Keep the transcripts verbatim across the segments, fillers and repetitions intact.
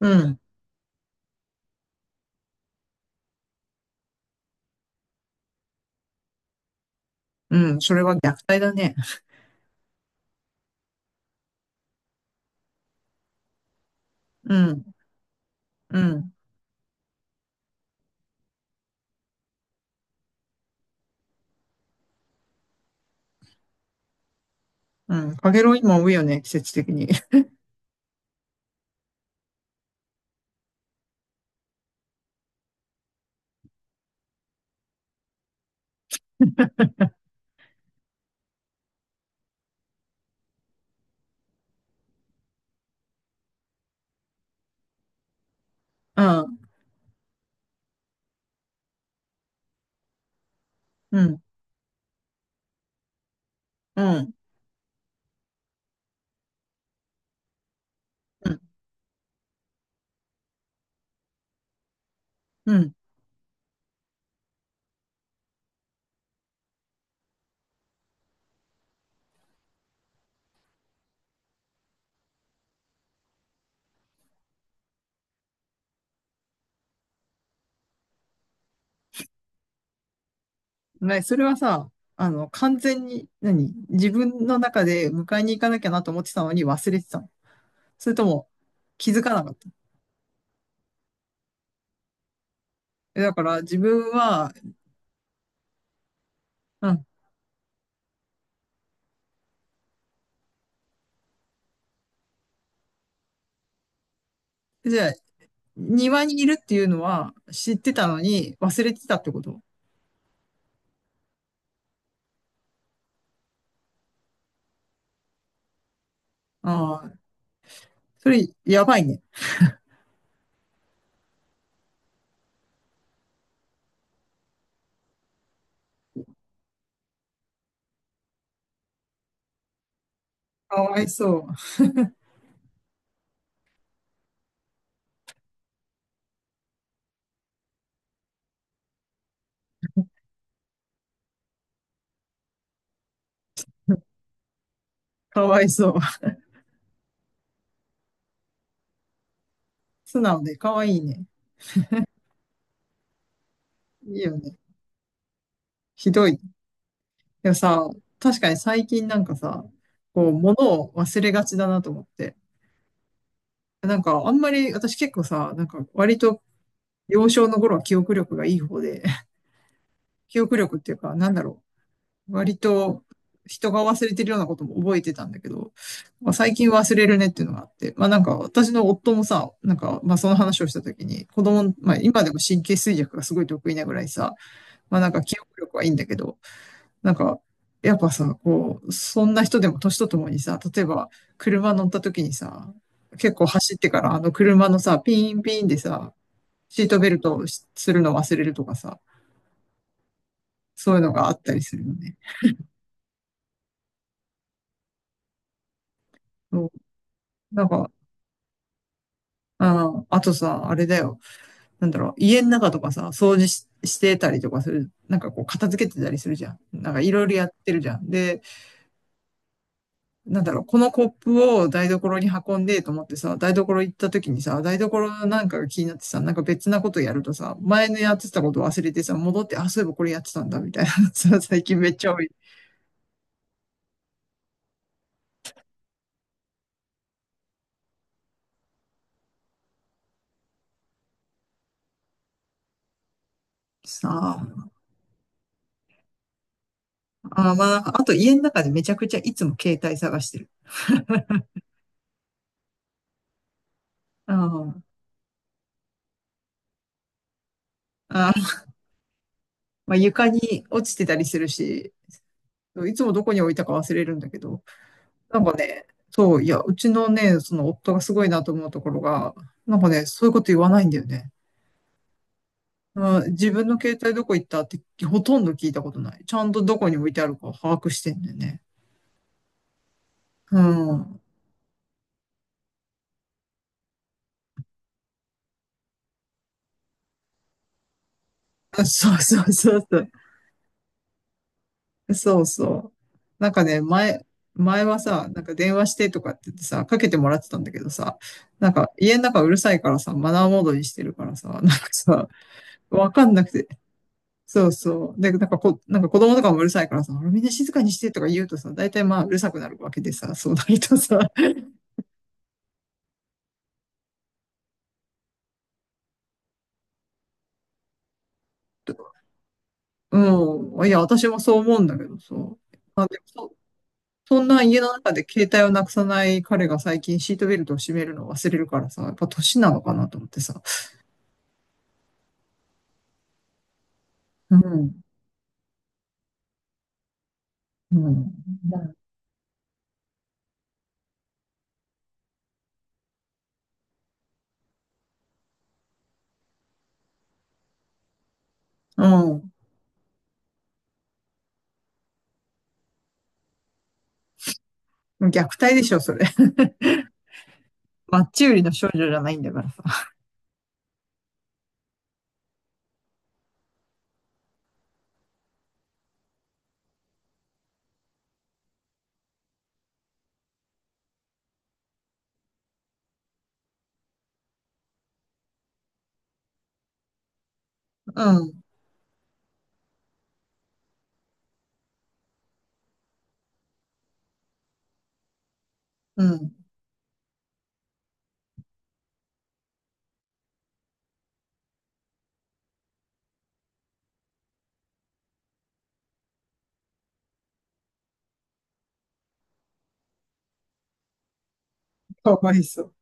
うん、うん、それは虐待だね。うん、うん、うん。かげろう今多いよね、季節的に。うん、うん、うん、うん、うん。ね、それはさ、あの、完全に、何自分の中で迎えに行かなきゃなと思ってたのに忘れてたの。それとも気づかなかった。えだから自分は、うん。じゃあ、庭にいるっていうのは知ってたのに忘れてたってこと。ああー、それやばいね。かわいそう。かわいそう。素直でかわいいね。いいよね。ひどい。でもさ、確かに最近なんかさ、こう、物を忘れがちだなと思って。なんか、あんまり、私結構さ、なんか、割と、幼少の頃は記憶力がいい方で、記憶力っていうか、なんだろう。割と、人が忘れてるようなことも覚えてたんだけど、まあ、最近忘れるねっていうのがあって、まあなんか、私の夫もさ、なんか、まあその話をした時に、子供、まあ今でも神経衰弱がすごい得意なぐらいさ、まあなんか記憶力はいいんだけど、なんか、やっぱさ、こう、そんな人でも年とともにさ、例えば車乗った時にさ、結構走ってからあの車のさ、ピンピンでさ、シートベルトをしするの忘れるとかさ、そういうのがあったりするよね。そう、なんか、あ、あとさ、あれだよ。なんだろう、家の中とかさ、掃除し、してたりとかする。なんかこう、片付けてたりするじゃん。なんかいろいろやってるじゃん。で、なんだろう、このコップを台所に運んでと思ってさ、台所行った時にさ、台所なんかが気になってさ、なんか別なことやるとさ、前のやってたこと忘れてさ、戻って、あ、そういえばこれやってたんだ、みたいなさ、最近めっちゃ多い。さあ、あー、まあなんか、あと家の中でめちゃくちゃいつも携帯探してる。あーあー、まあ床に落ちてたりするし、いつもどこに置いたか忘れるんだけど、なんかね、そう、いや、うちのね、その夫がすごいなと思うところが、なんかね、そういうこと言わないんだよね。うん、自分の携帯どこ行ったってほとんど聞いたことない。ちゃんとどこに置いてあるか把握してんだよね。うん。あそうそうそうそう。そうそう。なんかね、前、前はさ、なんか電話してとかって言ってさ、かけてもらってたんだけどさ、なんか家の中うるさいからさ、マナーモードにしてるからさ、なんかさ、わかんなくて。そうそう。で、なんかこ、なんか子供とかもうるさいからさ、みんな静かにしてとか言うとさ、大体まあうるさくなるわけでさ、そうなるとさ、うん。いや、私もそう思うんだけどさ。まあ、でもそ、そんな家の中で携帯をなくさない彼が最近シートベルトを締めるのを忘れるからさ、やっぱ年なのかなと思ってさ。うん。うん。うん。うん、虐待でしょ、それ。マッチ売りの少女じゃないんだからさ。うん。うん。かわいそう。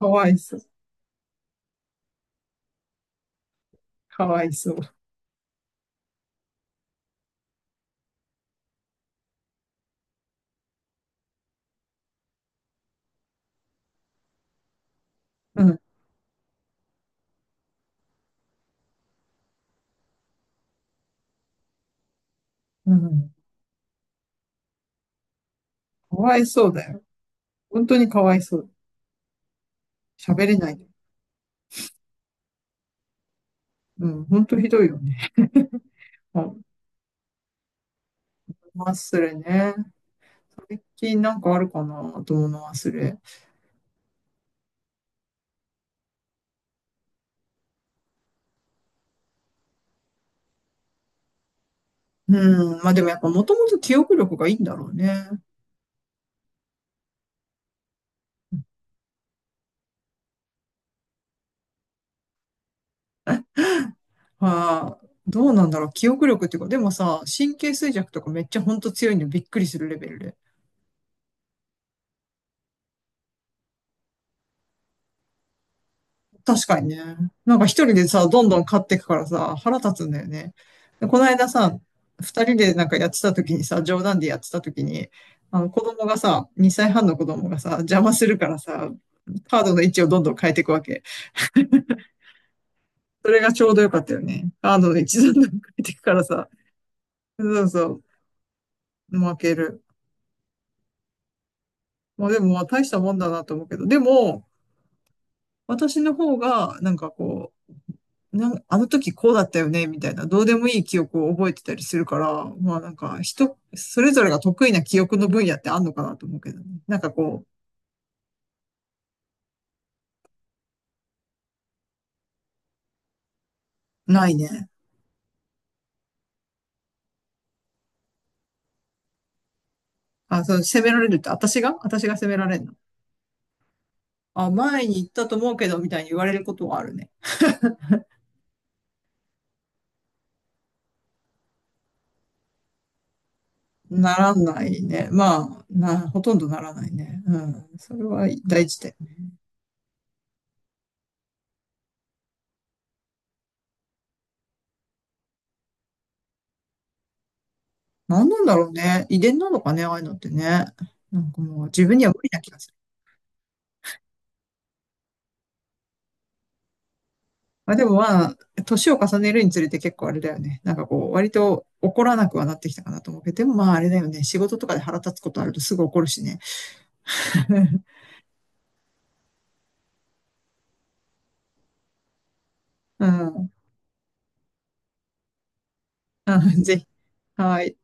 かわいそう。かわいそう。うん。うん。かわいそうだよ。本当にかわいそう。喋れない。うん。本当ひどいよね。うん。まあ、それね。最近なんかあるかなと思うの忘れ。うん。まあでもやっぱもともと記憶力がいいんだろうね。はあ、どうなんだろう。記憶力っていうか、でもさ、神経衰弱とかめっちゃほんと強いのびっくりするレベルで。確かにね。なんか一人でさ、どんどん買っていくからさ、腹立つんだよね。でこの間さ、二人でなんかやってた時にさ、冗談でやってた時に、あの子供がさ、にさいはんの子供がさ、邪魔するからさ、カードの位置をどんどん変えていくわけ。それがちょうどよかったよね。カードの一段でも変ていくからさ。そうそう、負ける。まあでもまあ大したもんだなと思うけど、でも、私の方が、なんかこう、なんあの時こうだったよね、みたいな、どうでもいい記憶を覚えてたりするから、まあなんか人、それぞれが得意な記憶の分野ってあんのかなと思うけどね。なんかこう、ないね。あ、そう、責められるって、私が私が責められるの。あ、前に行ったと思うけど、みたいに言われることはあるね。ならないね。まあ、な、ほとんどならないね。うん。それは大事で。何なんだろうね。遺伝なのかね、ああいうのってね。なんかもう自分には無理な気がする。まあでもまあ、年を重ねるにつれて結構あれだよね。なんかこう、割と怒らなくはなってきたかなと思うけど、でもまああれだよね。仕事とかで腹立つことあるとすぐ怒るしね。うん。うんぜひ。はい。